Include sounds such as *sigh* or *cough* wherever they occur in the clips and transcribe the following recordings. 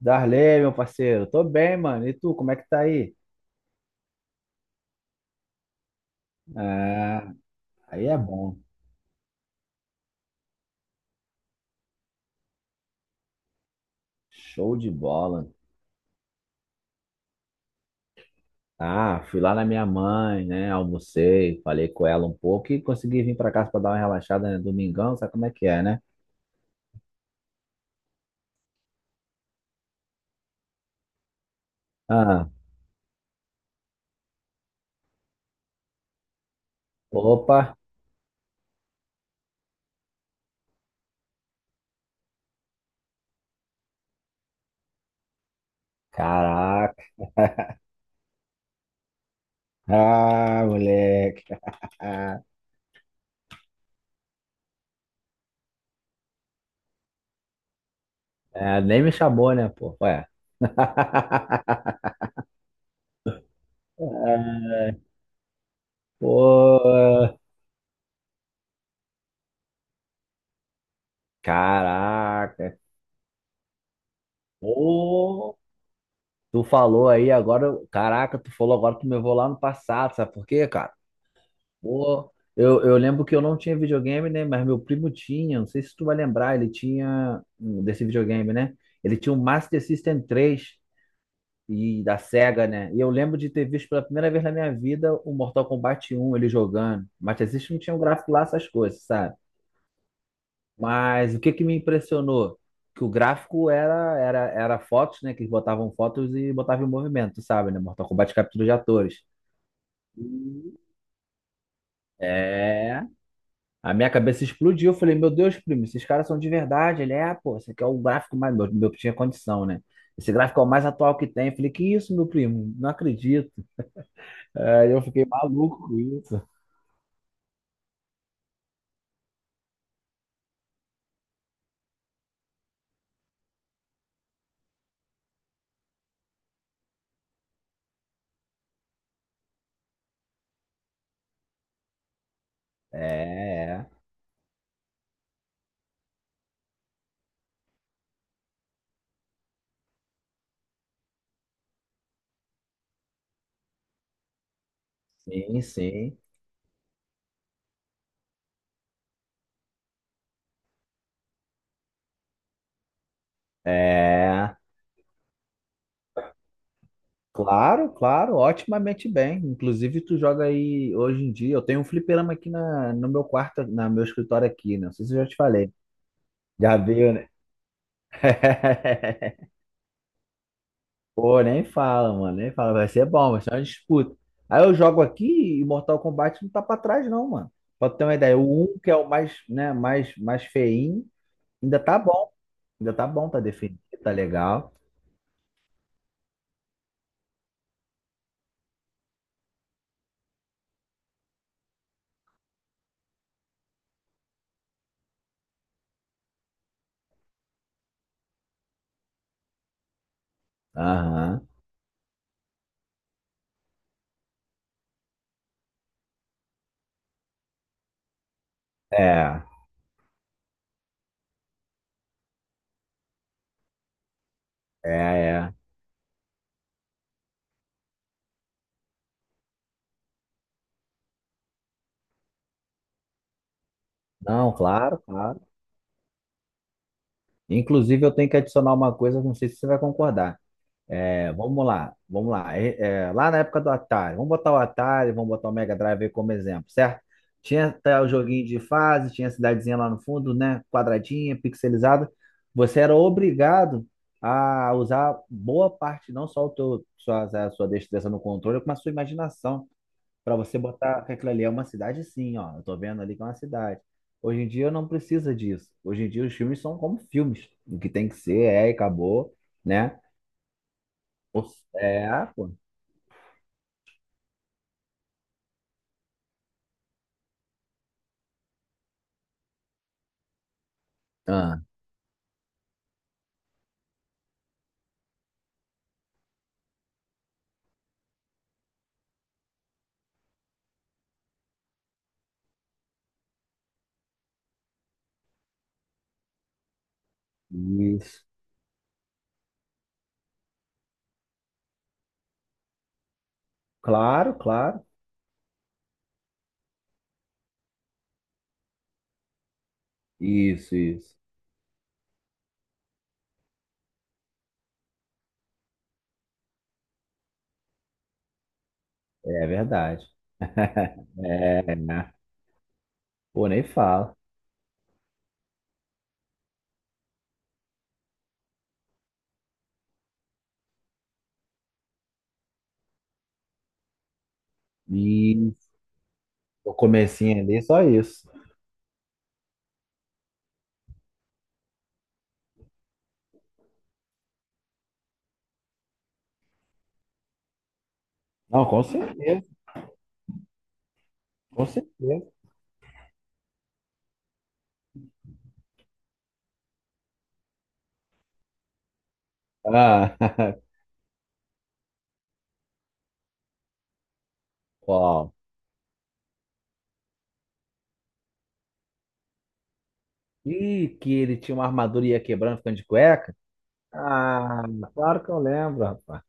Darley, meu parceiro, tô bem, mano. E tu, como é que tá aí? Ah, aí é bom. Show de bola. Ah, fui lá na minha mãe, né? Almocei, falei com ela um pouco e consegui vir pra casa pra dar uma relaxada, né? Domingão, sabe como é que é, né? Ah, opa, caraca. Ah, moleque. *laughs* É, nem me chamou, né, pô? Ué. *laughs* É, pô, caraca. Pô. Tu falou aí agora, caraca, tu falou agora que me vou lá no passado, sabe por quê, cara? Pô, eu lembro que eu não tinha videogame, né? Mas meu primo tinha, não sei se tu vai lembrar, ele tinha desse videogame, né? Ele tinha um Master System 3 e da Sega, né? E eu lembro de ter visto pela primeira vez na minha vida o Mortal Kombat 1 ele jogando. Master System não tinha um gráfico lá, essas coisas, sabe? Mas o que que me impressionou? Que o gráfico era fotos, né? Que eles botavam fotos e botavam em movimento, sabe, né? Mortal Kombat captura de atores. Hum. É. A minha cabeça explodiu. Eu falei, meu Deus, primo, esses caras são de verdade. Ele é, pô, esse aqui é o gráfico mais. Meu tinha condição, né? Esse gráfico é o mais atual que tem. Eu falei, que isso, meu primo? Não acredito. É, eu fiquei maluco com isso. É, é. Sim, sim. É. Claro, claro, otimamente bem. Inclusive, tu joga aí hoje em dia. Eu tenho um fliperama aqui na, no meu quarto, no meu escritório aqui, né? Não sei se eu já te falei. Já viu, né? *laughs* Pô, nem fala, mano. Nem fala. Vai ser bom, vai ser uma disputa. Aí eu jogo aqui e Mortal Kombat não tá pra trás, não, mano. Pra tu ter uma ideia, o 1, que é o mais, né, mais feinho, ainda tá bom. Ainda tá bom, tá definido, tá legal. Aham. É, é, é. Não, claro, claro. Inclusive, eu tenho que adicionar uma coisa, não sei se você vai concordar. É, vamos lá, vamos lá. Lá na época do Atari, vamos botar o Atari, vamos botar o Mega Drive aí como exemplo, certo? Tinha até o joguinho de fase, tinha a cidadezinha lá no fundo, né? Quadradinha, pixelizada. Você era obrigado a usar boa parte, não só o teu, sua, a sua destreza no controle, mas a sua imaginação para você botar que aquilo ali é uma cidade, sim, ó. Eu tô vendo ali que é uma cidade. Hoje em dia não precisa disso. Hoje em dia os filmes são como filmes. O que tem que ser é e acabou, né? O- É, pô. Ah, isso. Claro, claro. Isso, isso. É verdade. *laughs* É, né? Pô, nem fala. E o comecinho ali, só isso. Não, com certeza, com certeza. Ah, *laughs* qual? Ih, que ele tinha uma armadura e ia quebrando, ficando de cueca. Ah, claro que eu lembro, rapaz.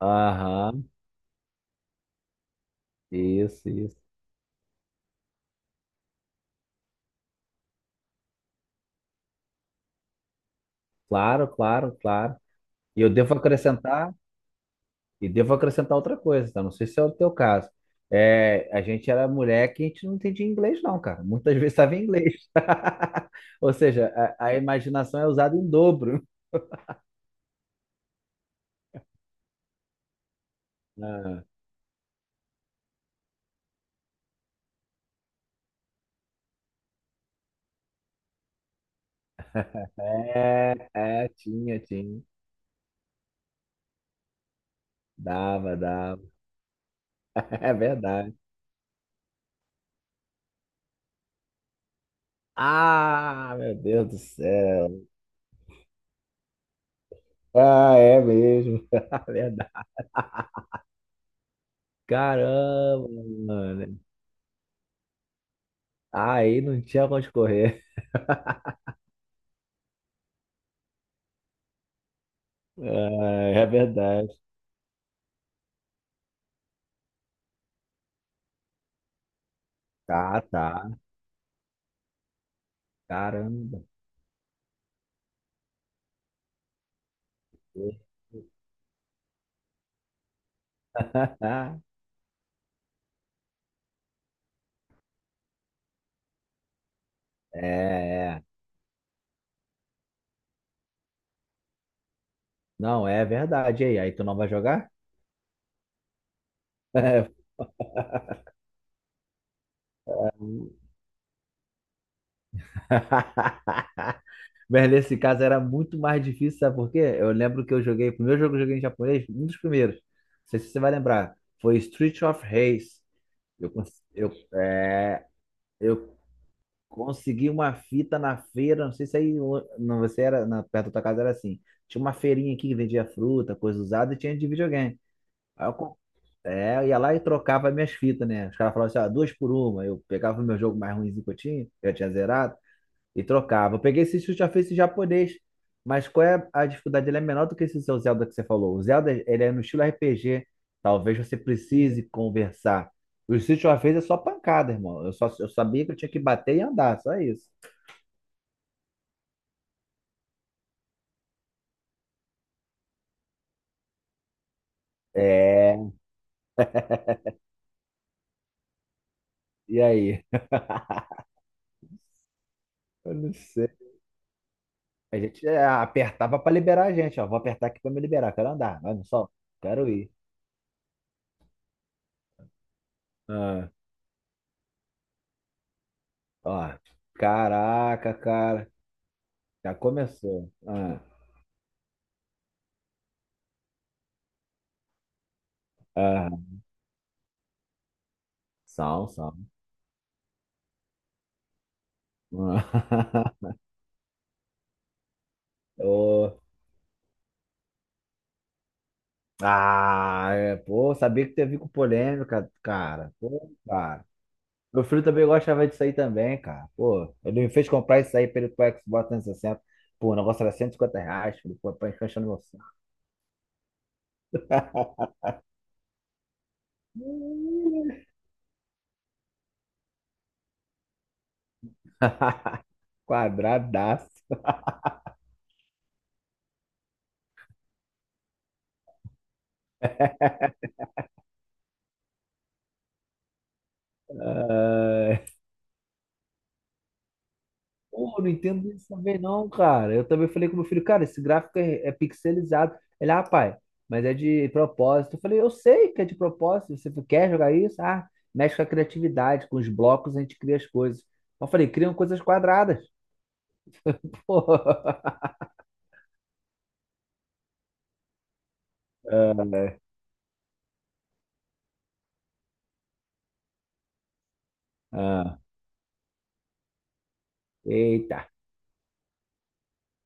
Aham, isso, isso. Claro, claro, claro. E eu devo acrescentar, e devo acrescentar outra coisa, tá? Não sei se é o teu caso. É, a gente era mulher que a gente não entendia inglês, não, cara. Muitas vezes estava em inglês. *laughs* Ou seja, a imaginação é usada em dobro. *laughs* Ah, é, é, tinha, tinha. Dava, dava. *laughs* É verdade. Ah, meu Deus do céu. Ah, é mesmo. *laughs* Verdade. Caramba, mano. Aí não tinha pra onde correr. *laughs* É, é verdade. Tá, tá. Caramba. *laughs* É, é. Não, é verdade. E aí tu não vai jogar? *laughs* Mas nesse caso era muito mais difícil, sabe por quê? Eu lembro que eu joguei, o primeiro jogo que eu joguei em japonês, um dos primeiros, não sei se você vai lembrar, foi Street of Rage. Eu, cons- eu, é, eu consegui uma fita na feira, não sei se aí não, você era na, perto da tua casa era assim. Tinha uma feirinha aqui que vendia fruta, coisa usada e tinha de videogame. Aí eu ia lá e trocava minhas fitas, né? Os caras falavam assim, ó, duas por uma. Eu pegava o meu jogo mais ruimzinho que eu tinha zerado, e trocava. Eu peguei esse já fez esse japonês. Mas qual é a dificuldade? Ele é menor do que esse seu Zelda que você falou. O Zelda, ele é no estilo RPG. Talvez você precise conversar. O Street of Rage é só pancada, irmão. Eu sabia que eu tinha que bater e andar, só isso. É, e aí? Eu não sei. A gente apertava pra liberar a gente, ó. Vou apertar aqui pra me liberar. Quero andar, vai no sol. Quero ir. Ah, ó. Caraca, cara. Já começou. Ah, ah. Sal, sal. Ah, *laughs* ô. Ah, é, pô, sabia que teve com polêmica, cara. Pô, cara. Meu filho também gostava disso aí também, cara. Pô, ele me fez comprar isso aí pra ele pro Xbox 360. Pô, o negócio era R$ 150. Falei, pô, pra encaixar no meu Hum. *laughs* Quadradaço. Ah, pô, não entendo isso também não, cara. Eu também falei com meu filho, cara, esse gráfico é pixelizado. Ele, ah, pai, mas é de propósito. Eu falei, eu sei que é de propósito. Você quer jogar isso? Ah, mexe com a criatividade, com os blocos a gente cria as coisas. Eu falei, criam coisas quadradas. *laughs* Pô. Ah, ah. Eita.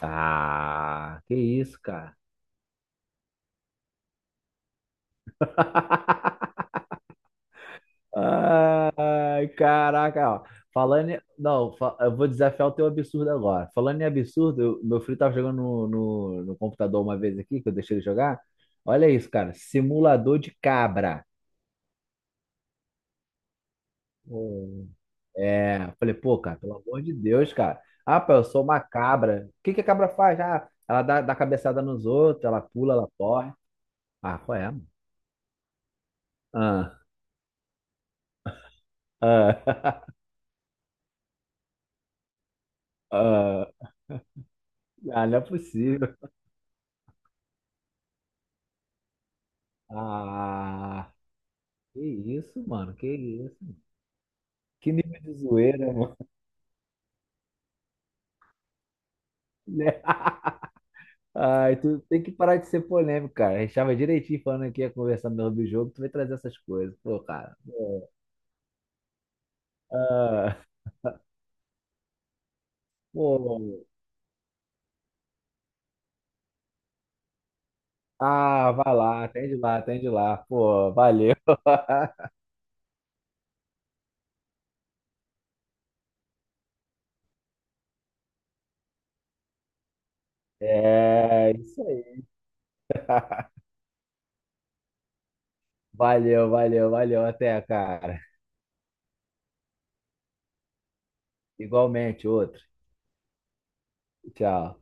Ah, que isso, cara. Ai, caraca, ó. Falando em... Não, eu vou desafiar o teu absurdo agora. Falando em absurdo, meu filho tava jogando no computador uma vez aqui, que eu deixei ele jogar. Olha isso, cara. Simulador de cabra. Hum. É, eu falei, pô, cara, pelo amor de Deus, cara. Ah, pô, eu sou uma cabra. O que que a cabra faz? Ah, ela dá cabeçada nos outros, ela pula, ela corre. Ah, qual é, mano? Ah, ah, *laughs* ah, ah, não é possível. Ah, que isso, mano, que isso. Que nível de zoeira, *laughs* mano. Né? Ai, tu tem que parar de ser polêmico, cara. A gente tava direitinho falando aqui, ia conversar no do jogo, tu vai trazer essas coisas. Pô, cara. Ah, pô. Ah, vai lá, atende lá, atende lá. Pô, valeu. *laughs* É, isso aí. Valeu, valeu, valeu. Até, cara. Igualmente, outro. Tchau.